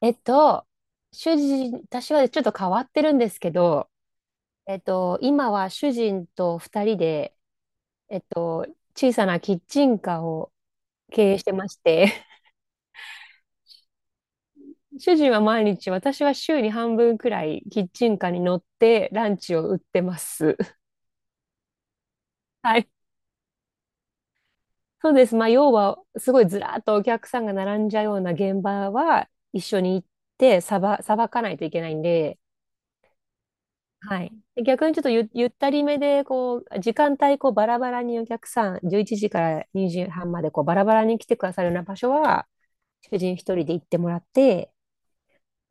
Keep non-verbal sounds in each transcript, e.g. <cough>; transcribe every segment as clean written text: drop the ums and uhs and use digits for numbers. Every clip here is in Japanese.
えっと、私はちょっと変わってるんですけど、今は主人と二人で、えっと、小さなキッチンカーを経営してまして、<laughs> 主人は毎日、私は週に半分くらいキッチンカーに乗ってランチを売ってます。<laughs> はい。そうです。まあ、要は、すごいずらーっとお客さんが並んじゃうような現場は一緒に行って、さばかないといけないんで、はい。で逆にちょっとゆったりめで、こう、時間帯、こう、バラバラにお客さん、11時から2時半まで、こう、バラバラに来てくださるような場所は、主人一人で行ってもらって、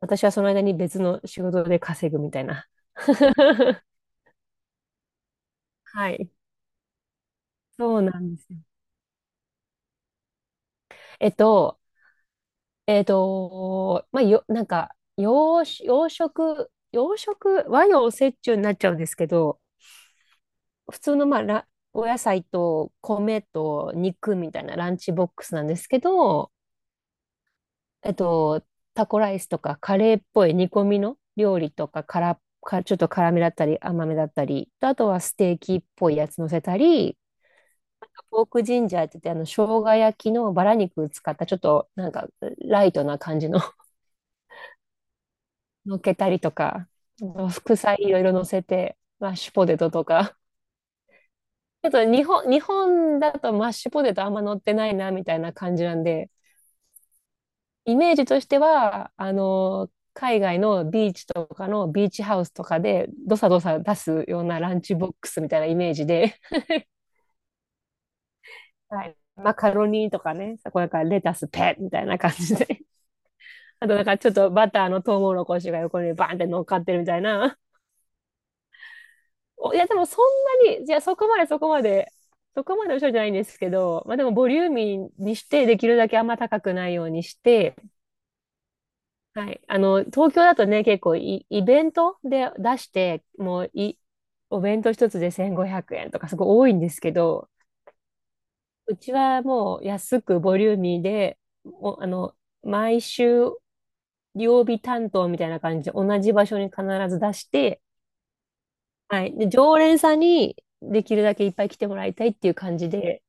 私はその間に別の仕事で稼ぐみたいな。<laughs> はい。そうなんですよ。えっと、まあ、なんか、洋食、和洋折衷になっちゃうんですけど、普通の、まあ、らお野菜と米と肉みたいなランチボックスなんですけど、えっと、タコライスとかカレーっぽい煮込みの料理とか、からか、ちょっと辛めだったり甘めだったり、とあとはステーキっぽいやつ乗せたり、ポークジンジャーって言って、あの、生姜焼きのバラ肉を使ったちょっとなんかライトな感じの <laughs> 乗っけたりとか、あの副菜いろいろ乗せて、マッシュポテトとか。ちょっと日本だとマッシュポテトあんま乗ってないなみたいな感じなんで、イメージとしては、あの、海外のビーチとかのビーチハウスとかで、どさどさ出すようなランチボックスみたいなイメージで、はい、マカロニとかね、そこだからレタスペッみたいな感じで、<laughs> あとなんかちょっとバターのトウモロコシが横にバーンって乗っかってるみたいな。<laughs> おいや、でもそんなに、じゃあそこまでおしゃれじゃないんですけど、まあでもボリューミーにして、できるだけあんま高くないようにして、はい。あの、東京だとね、結構イベントで出して、もうい、お弁当一つで1500円とかすごい多いんですけど、うちはもう安くボリューミーで、あの、毎週曜日担当みたいな感じで同じ場所に必ず出して、はい。で、常連さんにできるだけいっぱい来てもらいたいっていう感じで、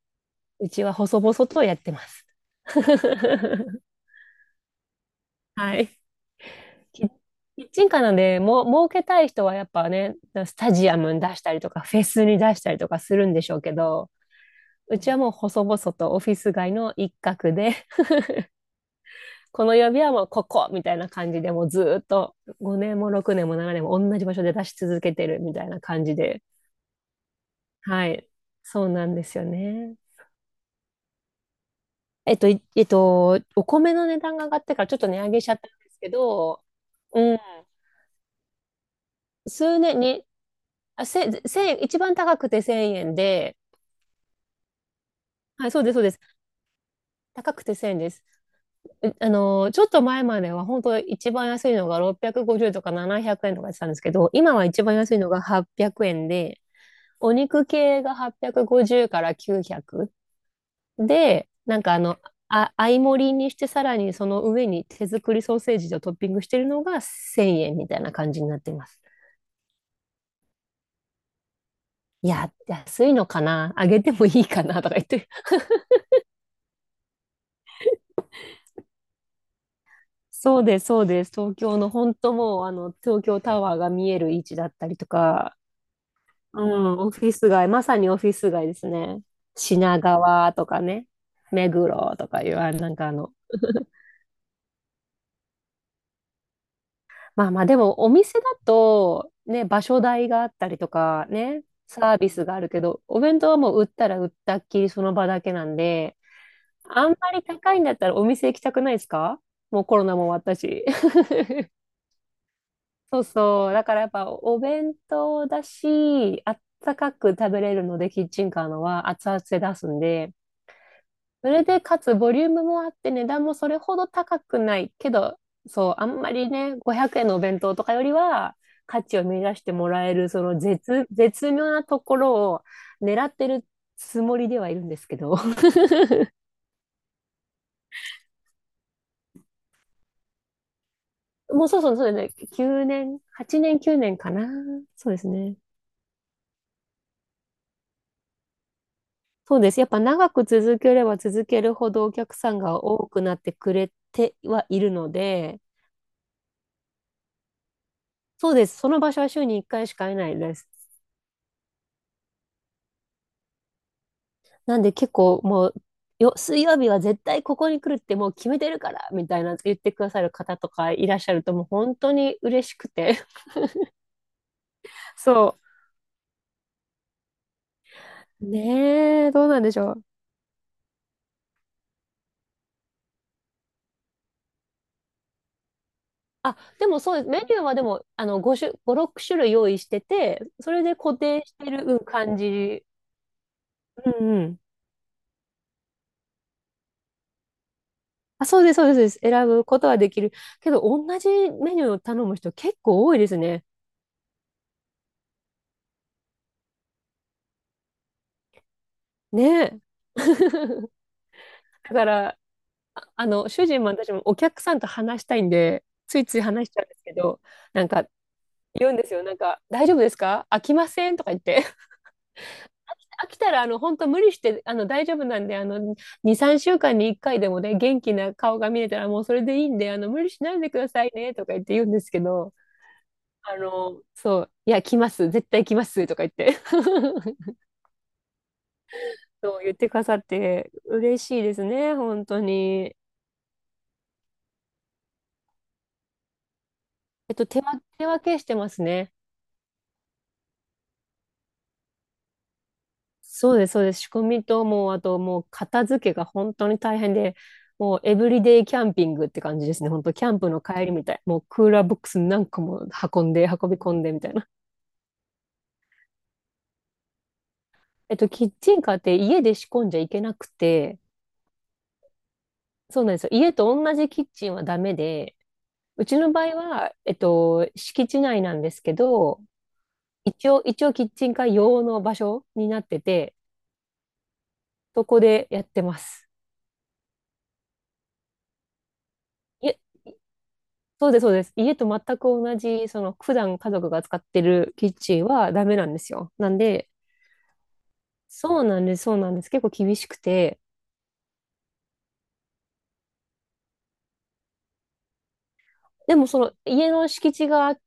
うちは細々とやってます。<laughs> はい。キッキッチンカーなんで、儲けたい人はやっぱね、スタジアムに出したりとか、フェスに出したりとかするんでしょうけど、うちはもう細々とオフィス街の一角で、この曜日はもうここみたいな感じで、もうずーっと5年も6年も7年も同じ場所で出し続けてるみたいな感じで、はい、そうなんですよね。えっと、いえっと、お米の値段が上がってからちょっと値上げしちゃったんですけど、うん、数年に、千円、一番高くて1000円で、はい、そうです、そうです。高くて1000円です。うあのー、ちょっと前までは本当一番安いのが650とか700円とかやってたんですけど、今は一番安いのが800円で、お肉系が850から900で、なんかあの、合い盛りにしてさらにその上に手作りソーセージをトッピングしてるのが1000円みたいな感じになってます。いや、安いのかなあげてもいいかなとか言って。そうです、そうです。東京の本当もう、あの、東京タワーが見える位置だったりとか、うん、オフィス街、まさにオフィス街ですね。品川とかね、目黒とかいう、なんかあの、まあまあ、でもお店だと、ね、場所代があったりとか、ね、サービスがあるけど、お弁当はもう売ったら売ったっきりその場だけなんで、あんまり高いんだったらお店行きたくないですか？もうコロナも終わったし。<laughs> そうそう。だからやっぱお弁当だし、あったかく食べれるので、キッチンカーのは熱々で出すんで、それで、かつボリュームもあって値段もそれほど高くないけど、そう、あんまりね、500円のお弁当とかよりは価値を見出してもらえる、その絶妙なところを狙ってるつもりではいるんですけど。<laughs> もうそうそう、そうですね。9年、8年、9年かな。そうですね。そうです。やっぱ長く続ければ続けるほどお客さんが多くなってくれてはいるので、そうです。その場所は週に1回しか会えないです。なんで結構もう、水曜日は絶対ここに来るってもう決めてるからみたいな言ってくださる方とかいらっしゃるともう本当に嬉しくて。<laughs> そう。ねえ、どうなんでしょう。あ、でもそうです。メニューはでも、あの、5種、5、6種類用意してて、それで固定してる、うん、感じ。うんうん。あ、そうです、そうです、そうです。選ぶことはできる。けど、同じメニューを頼む人結構多いですね。ねえ。<laughs> だから、主人も私もお客さんと話したいんで、ついつい話しちゃうんですけど、なんか言うんですよ。なんか、大丈夫ですか？飽きませんとか言って。<laughs> 飽きたら、あの、本当無理して、あの、大丈夫なんで、あの、2、3週間に1回でもね、元気な顔が見れたらもうそれでいいんで、あの、無理しないでくださいね、とか言って言うんですけど、あの、そう、いや、来ます、絶対来ます、とか言って。<laughs> そう言ってくださって、嬉しいですね、本当に。えっと、手分手分けしてますね。そうです、そうです。仕込みと、もう、あと、もう、片付けが本当に大変で、もう、エブリデイキャンピングって感じですね。本当、キャンプの帰りみたい。もう、クーラーボックス何個も運んで、運び込んで、みたいな。キッチンカーって家で仕込んじゃいけなくて、そうなんですよ。家と同じキッチンはダメで、うちの場合は、敷地内なんですけど、一応、キッチンカー用の場所になってて、そこでやってます。いそうです、そうです。家と全く同じ、その、普段家族が使ってるキッチンはダメなんですよ。なんで、そうなんです、そうなんです。結構厳しくて。でも、その、家の敷地が、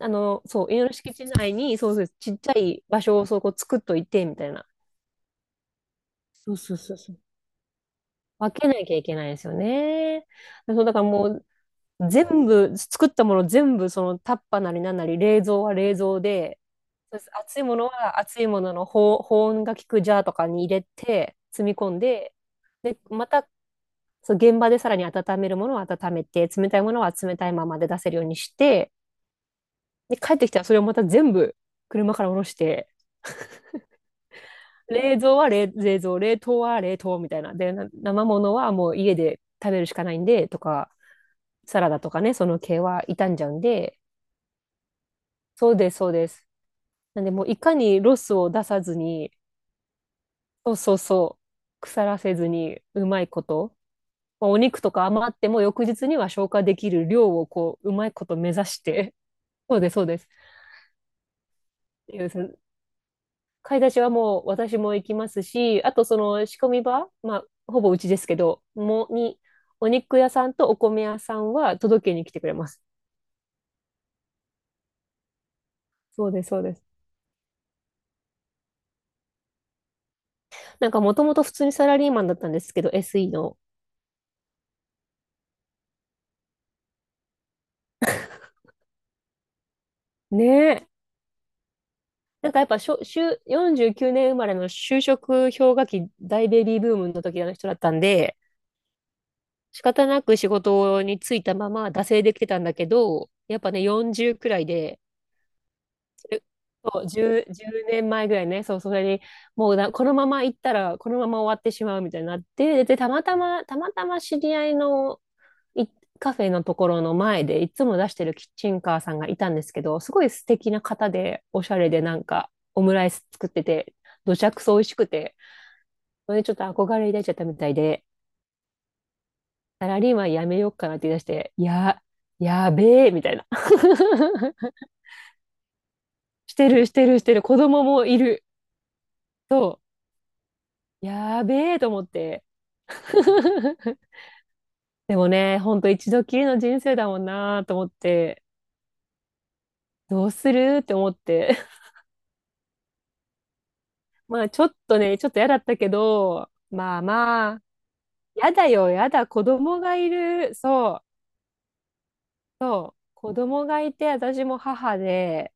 あの、そう、家の敷地内に、そうです、ちっちゃい場所をそこ作っといて、みたいな。そうそうそうそう。分けなきゃいけないですよね。そう、だからもう、全部、作ったもの全部、そのタッパーなりなんなり、冷蔵は冷蔵で、熱いものは熱いものの保温が効くジャーとかに入れて、積み込んで、で、また、そう現場でさらに温めるものは温めて、冷たいものは冷たいままで出せるようにして、で、帰ってきたらそれをまた全部車から下ろして、冷蔵は冷蔵、冷凍は冷凍みたいな。で、生物はもう家で食べるしかないんで、とか、サラダとかね、その系は傷んじゃうんで、そうです、そうです。なんでもういかにロスを出さずに、そうそうそう、腐らせずにうまいこと、まあ、お肉とか余っても翌日には消化できる量をこう、うまいこと目指して、<laughs> そうです、そうです。っていうその買い出しはもう私も行きますし、あとその仕込み場、まあ、ほぼうちですけど、お肉屋さんとお米屋さんは届けに来てくれます。そうです、そうです。なんかもともと普通にサラリーマンだったんですけど、SE の。ね、なんかやっぱしょ、就49年生まれの就職氷河期大ベビーブームの時の人だったんで、仕方なく仕事に就いたまま惰性できてたんだけど、やっぱね、40くらいで、それそう10、年前ぐらいね、そう、それに、もうなこのまま行ったら、このまま終わってしまうみたいになって、で、たまたま知り合いのカフェのところの前でいつも出してるキッチンカーさんがいたんですけど、すごい素敵な方で、おしゃれでなんかオムライス作ってて、どちゃくそ美味しくて、それでちょっと憧れ抱いちゃったみたいで、サラリーマンやめようかなって言い出して、いや、やべえ、みたいな <laughs>。してる、してる、してる。子供もいる。とやべえと思って <laughs>。でもね、ほんと一度きりの人生だもんなと思って、どうするって思って、まあちょっとね、ちょっと嫌だったけど、まあまあ、嫌だよ、嫌だ、子供がいる、そう、子供がいて、私も母で、ね、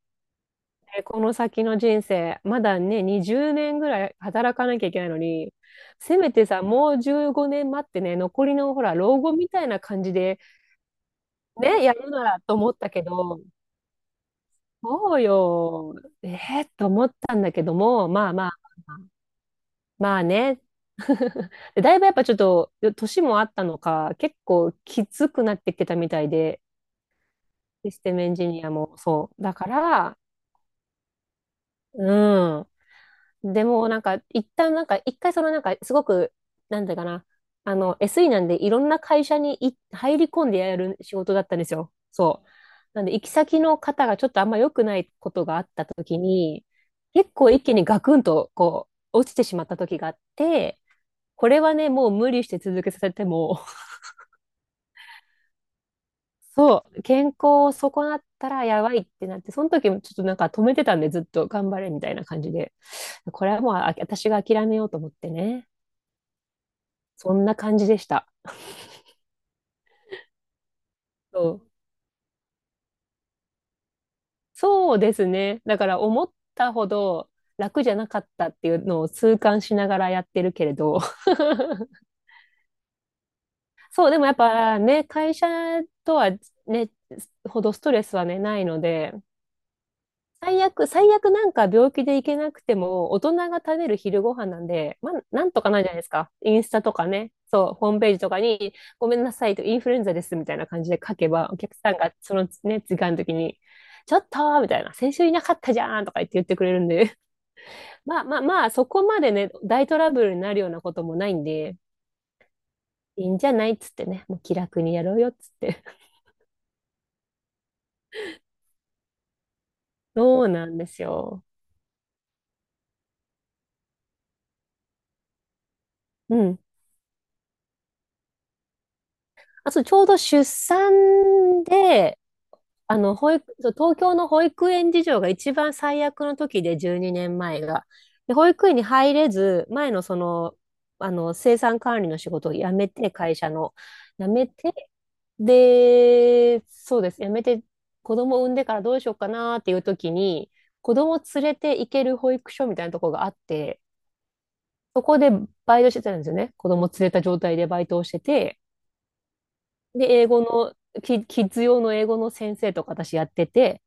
この先の人生、まだね、20年ぐらい働かなきゃいけないのに、せめてさ、もう15年待ってね、残りのほら、老後みたいな感じで、ね、やるならと思ったけど、そうよ、えと思ったんだけども、まあまあ、まあね。<laughs> でだいぶやっぱちょっと、年もあったのか、結構きつくなってきてたみたいで、システムエンジニアもそう。だから、うん。でもなんか、一旦なんか、一回そのなんか、すごく、なんだかな、あの、SE なんでいろんな会社に入り込んでやる仕事だったんですよ。そう。なんで、行き先の方がちょっとあんま良くないことがあった時に、結構一気にガクンとこう、落ちてしまった時があって、これはね、もう無理して続けさせても、そう、健康を損なったらやばいってなって、その時もちょっとなんか止めてたんで、ずっと頑張れみたいな感じで、これはもう私が諦めようと思ってね、そんな感じでした。そう、そうですね。だから思ったほど楽じゃなかったっていうのを痛感しながらやってるけれど、<laughs> そう、でもやっぱね、会社とはね、ほどストレスはね、ないので、最悪なんか病気で行けなくても、大人が食べる昼ご飯なんで、まあ、なんとかなるじゃないですか。インスタとかね、そう、ホームページとかに、ごめんなさいと、インフルエンザですみたいな感じで書けば、お客さんがそのね、時間の時に、ちょっとーみたいな、先週いなかったじゃんとか言ってくれるんで、<laughs> まあまあまあ、そこまでね、大トラブルになるようなこともないんで、いいんじゃないっつってね、もう気楽にやろうよっつって。<laughs> そうなんですよ。うん。あ、そう、ちょうど出産で、あの、そう、東京の保育園事情が一番最悪の時で、12年前が。で、保育園に入れず、前のその、あの、生産管理の仕事を辞めて、会社の、辞めて、で、そうです、辞めて、子供産んでからどうしようかなっていう時に、子供連れて行ける保育所みたいなとこがあって、そこでバイトしてたんですよね。子供連れた状態でバイトをしてて、で、英語の、キッズ用の英語の先生とか私やってて、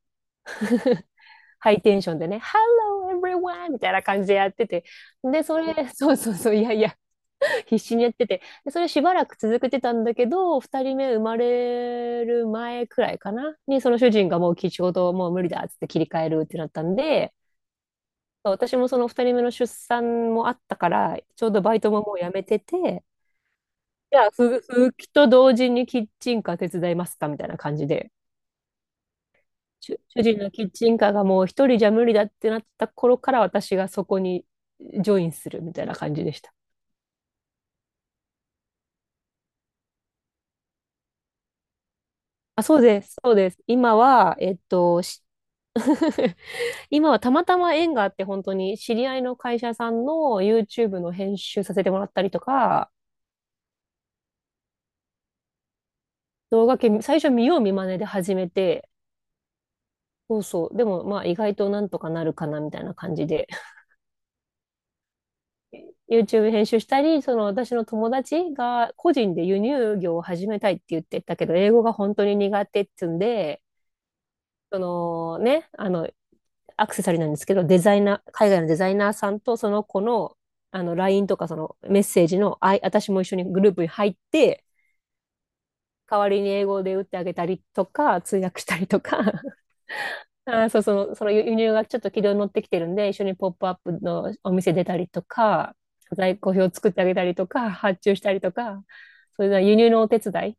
ハイテンションでね、Hello everyone! みたいな感じでやってて、で、それ、そうそうそう、いやいや、<laughs> 必死にやってて、でそれしばらく続けてたんだけど、2人目生まれる前くらいかな、にその主人がもうちょうどもう無理だっつって切り替えるってなったんで、私もその2人目の出産もあったから、ちょうどバイトももうやめてて、じゃあ、<laughs> 復帰と同時にキッチンカー手伝いますかみたいな感じで。主人のキッチンカーがもう一人じゃ無理だってなった頃から私がそこにジョインするみたいな感じでした。あ、そうです、そうです。今は、<laughs> 今はたまたま縁があって本当に知り合いの会社さんの YouTube の編集させてもらったりとか、動画系最初見よう見まねで始めて、そうそう、でもまあ意外となんとかなるかなみたいな感じで YouTube 編集したり、その私の友達が個人で輸入業を始めたいって言ってたけど、英語が本当に苦手っつうんで、そのね、あの、アクセサリーなんですけど、デザイナー、海外のデザイナーさんとその子の、あの、LINE とかそのメッセージの、私も一緒にグループに入って、代わりに英語で打ってあげたりとか、通訳したりとか、そう、その輸入がちょっと軌道に乗ってきてるんで、一緒にポップアップのお店出たりとか、在庫表作ってあげたりとか、発注したりとか、それで輸入のお手伝い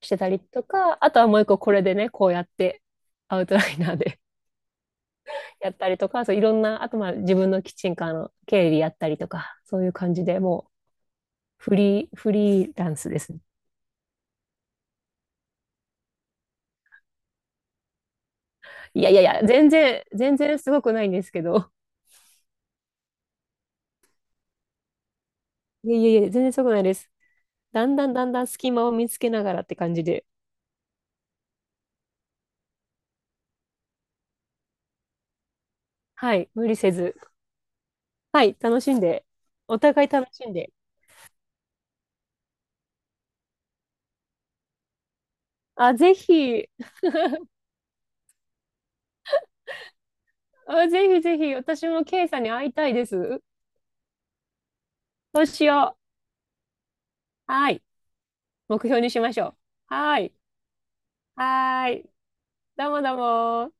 してたりとか、あとはもう一個これでね、こうやってアウトライナーで <laughs> やったりとか、そういろんな、あとまあ自分のキッチンカーの経理やったりとか、そういう感じでもうフリーランスですね。いやいやいや、全然すごくないんですけど、いやいやいや、全然すごくないです。だんだんだんだん隙間を見つけながらって感じで。はい、無理せず。はい、楽しんで。お互い楽しんで。あ、ぜひ、あ、ぜひぜひ、私もケイさんに会いたいです。そうしよう。はい。目標にしましょう。はい。はい。どうもどうも。